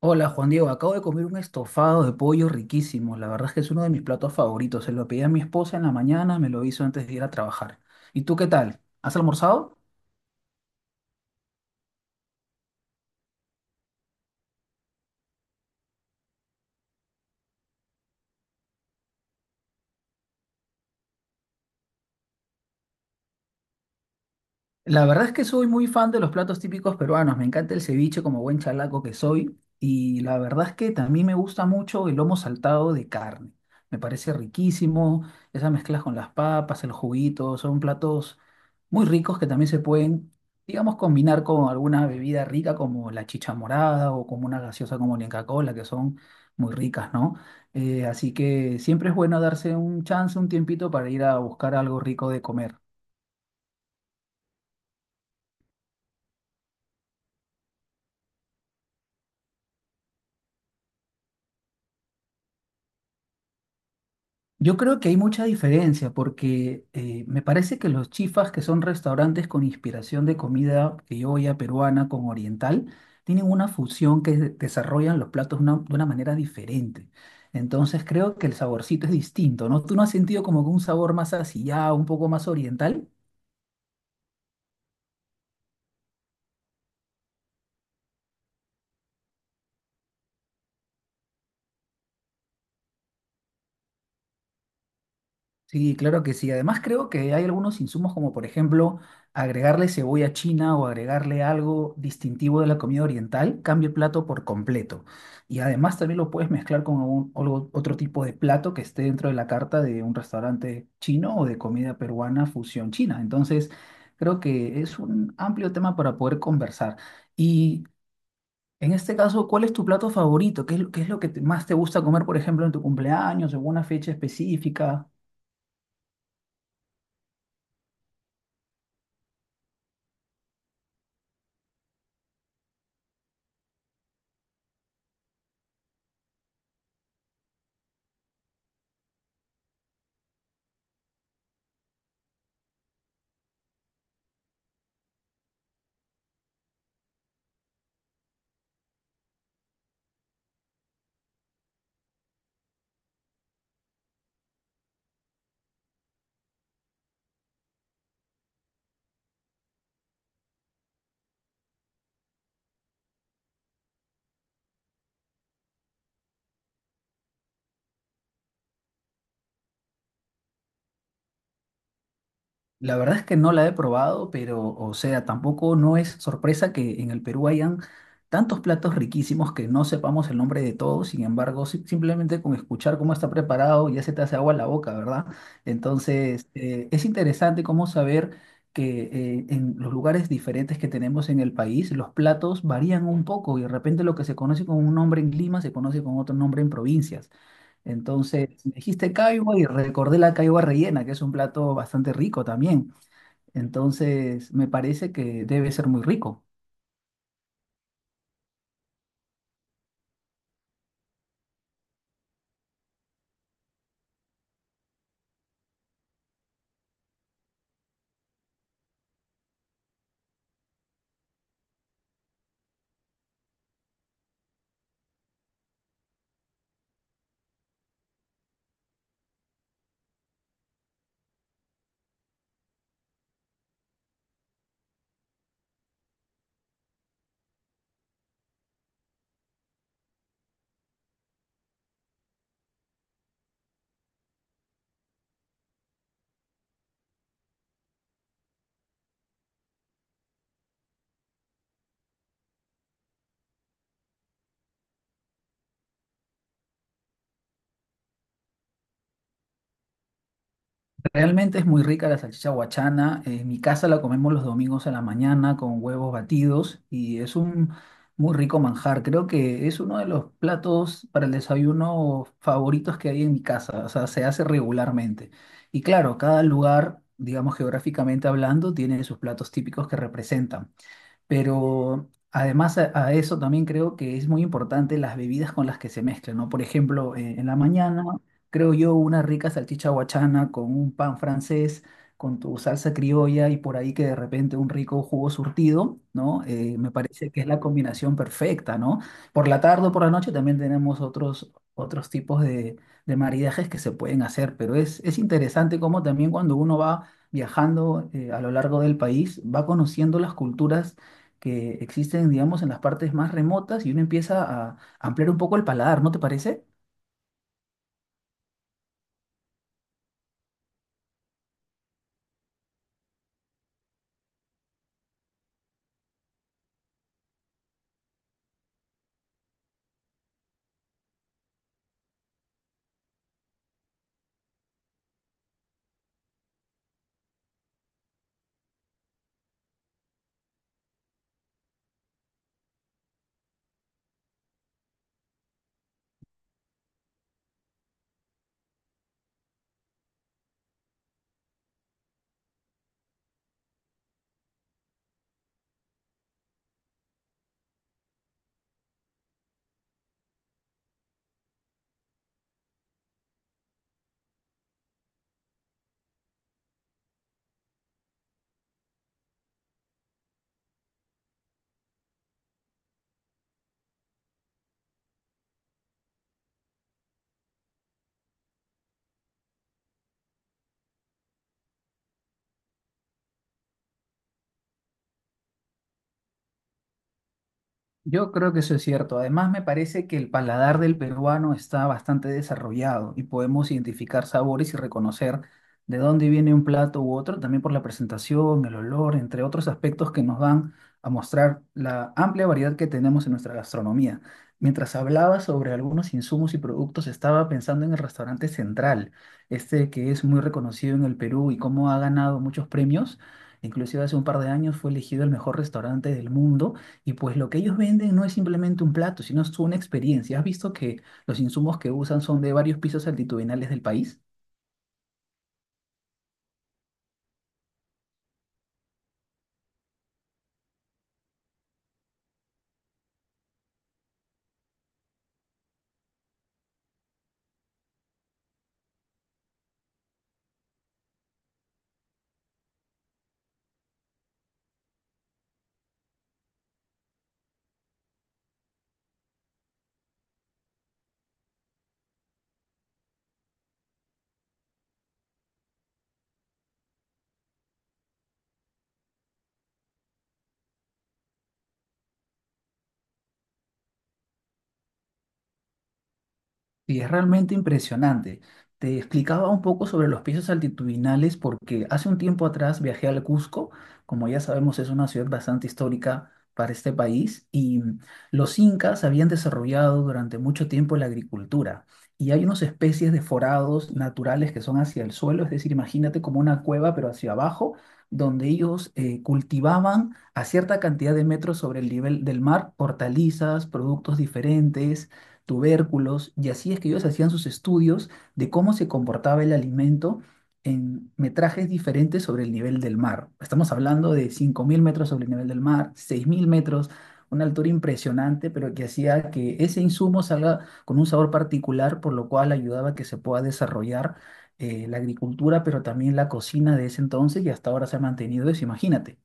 Hola Juan Diego, acabo de comer un estofado de pollo riquísimo. La verdad es que es uno de mis platos favoritos. Se lo pedí a mi esposa en la mañana, me lo hizo antes de ir a trabajar. ¿Y tú qué tal? ¿Has almorzado? La verdad es que soy muy fan de los platos típicos peruanos. Me encanta el ceviche como buen chalaco que soy. Y la verdad es que también me gusta mucho el lomo saltado de carne. Me parece riquísimo. Esas mezclas con las papas, el juguito, son platos muy ricos que también se pueden, digamos, combinar con alguna bebida rica como la chicha morada o como una gaseosa como la Inca-Cola, que son muy ricas, ¿no? Así que siempre es bueno darse un chance, un tiempito para ir a buscar algo rico de comer. Yo creo que hay mucha diferencia porque me parece que los chifas, que son restaurantes con inspiración de comida criolla, peruana, con oriental, tienen una fusión que desarrollan los platos de una manera diferente. Entonces creo que el saborcito es distinto, ¿no? ¿Tú no has sentido como que un sabor más asillado, un poco más oriental? Sí, claro que sí. Además creo que hay algunos insumos como por ejemplo agregarle cebolla china o agregarle algo distintivo de la comida oriental, cambia el plato por completo. Y además también lo puedes mezclar con otro tipo de plato que esté dentro de la carta de un restaurante chino o de comida peruana fusión china. Entonces creo que es un amplio tema para poder conversar. Y en este caso, ¿cuál es tu plato favorito? ¿Qué es, qué es lo que más te gusta comer, por ejemplo, en tu cumpleaños o en una fecha específica? La verdad es que no la he probado, pero, o sea, tampoco no es sorpresa que en el Perú hayan tantos platos riquísimos que no sepamos el nombre de todos. Sin embargo, simplemente con escuchar cómo está preparado ya se te hace agua la boca, ¿verdad? Entonces, es interesante cómo saber que en los lugares diferentes que tenemos en el país, los platos varían un poco y de repente lo que se conoce con un nombre en Lima se conoce con otro nombre en provincias. Entonces, me dijiste caiba y recordé la caiba rellena, que es un plato bastante rico también. Entonces, me parece que debe ser muy rico. Realmente es muy rica la salchicha huachana. En mi casa la comemos los domingos a la mañana con huevos batidos y es un muy rico manjar. Creo que es uno de los platos para el desayuno favoritos que hay en mi casa. O sea, se hace regularmente. Y claro, cada lugar, digamos geográficamente hablando, tiene sus platos típicos que representan. Pero además a eso también creo que es muy importante las bebidas con las que se mezclan, ¿no? Por ejemplo, en la mañana, creo yo, una rica salchicha guachana con un pan francés, con tu salsa criolla y por ahí que de repente un rico jugo surtido, ¿no? Me parece que es la combinación perfecta, ¿no? Por la tarde o por la noche también tenemos otros tipos de maridajes que se pueden hacer, pero es interesante cómo también cuando uno va viajando a lo largo del país, va conociendo las culturas que existen, digamos, en las partes más remotas y uno empieza a ampliar un poco el paladar, ¿no te parece? Yo creo que eso es cierto. Además, me parece que el paladar del peruano está bastante desarrollado y podemos identificar sabores y reconocer de dónde viene un plato u otro, también por la presentación, el olor, entre otros aspectos que nos van a mostrar la amplia variedad que tenemos en nuestra gastronomía. Mientras hablaba sobre algunos insumos y productos, estaba pensando en el restaurante Central, este que es muy reconocido en el Perú y cómo ha ganado muchos premios. Inclusive hace un par de años fue elegido el mejor restaurante del mundo y pues lo que ellos venden no es simplemente un plato, sino es una experiencia. ¿Has visto que los insumos que usan son de varios pisos altitudinales del país? Y es realmente impresionante. Te explicaba un poco sobre los pisos altitudinales porque hace un tiempo atrás viajé al Cusco, como ya sabemos es una ciudad bastante histórica para este país, y los incas habían desarrollado durante mucho tiempo la agricultura. Y hay unas especies de forados naturales que son hacia el suelo, es decir, imagínate como una cueva pero hacia abajo, donde ellos cultivaban a cierta cantidad de metros sobre el nivel del mar hortalizas, productos diferentes tubérculos, y así es que ellos hacían sus estudios de cómo se comportaba el alimento en metrajes diferentes sobre el nivel del mar. Estamos hablando de 5000 metros sobre el nivel del mar, 6000 metros, una altura impresionante, pero que hacía que ese insumo salga con un sabor particular, por lo cual ayudaba a que se pueda desarrollar la agricultura, pero también la cocina de ese entonces y hasta ahora se ha mantenido eso, imagínate.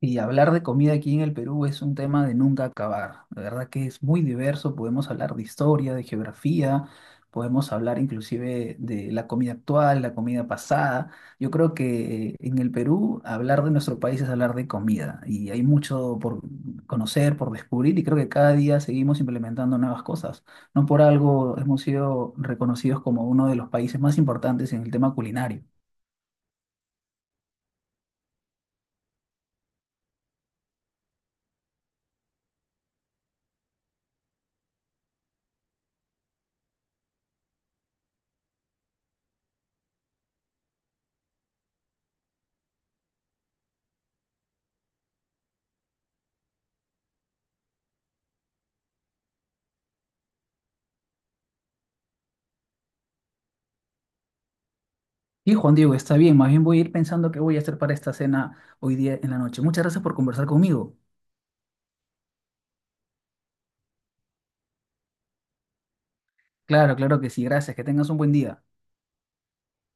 Y hablar de comida aquí en el Perú es un tema de nunca acabar. La verdad que es muy diverso, podemos hablar de historia, de geografía, podemos hablar inclusive de la comida actual, la comida pasada. Yo creo que en el Perú hablar de nuestro país es hablar de comida y hay mucho por conocer, por descubrir y creo que cada día seguimos implementando nuevas cosas. No por algo hemos sido reconocidos como uno de los países más importantes en el tema culinario. Sí, Juan Diego, está bien, más bien voy a ir pensando qué voy a hacer para esta cena hoy día en la noche. Muchas gracias por conversar conmigo. Claro, claro que sí, gracias, que tengas un buen día.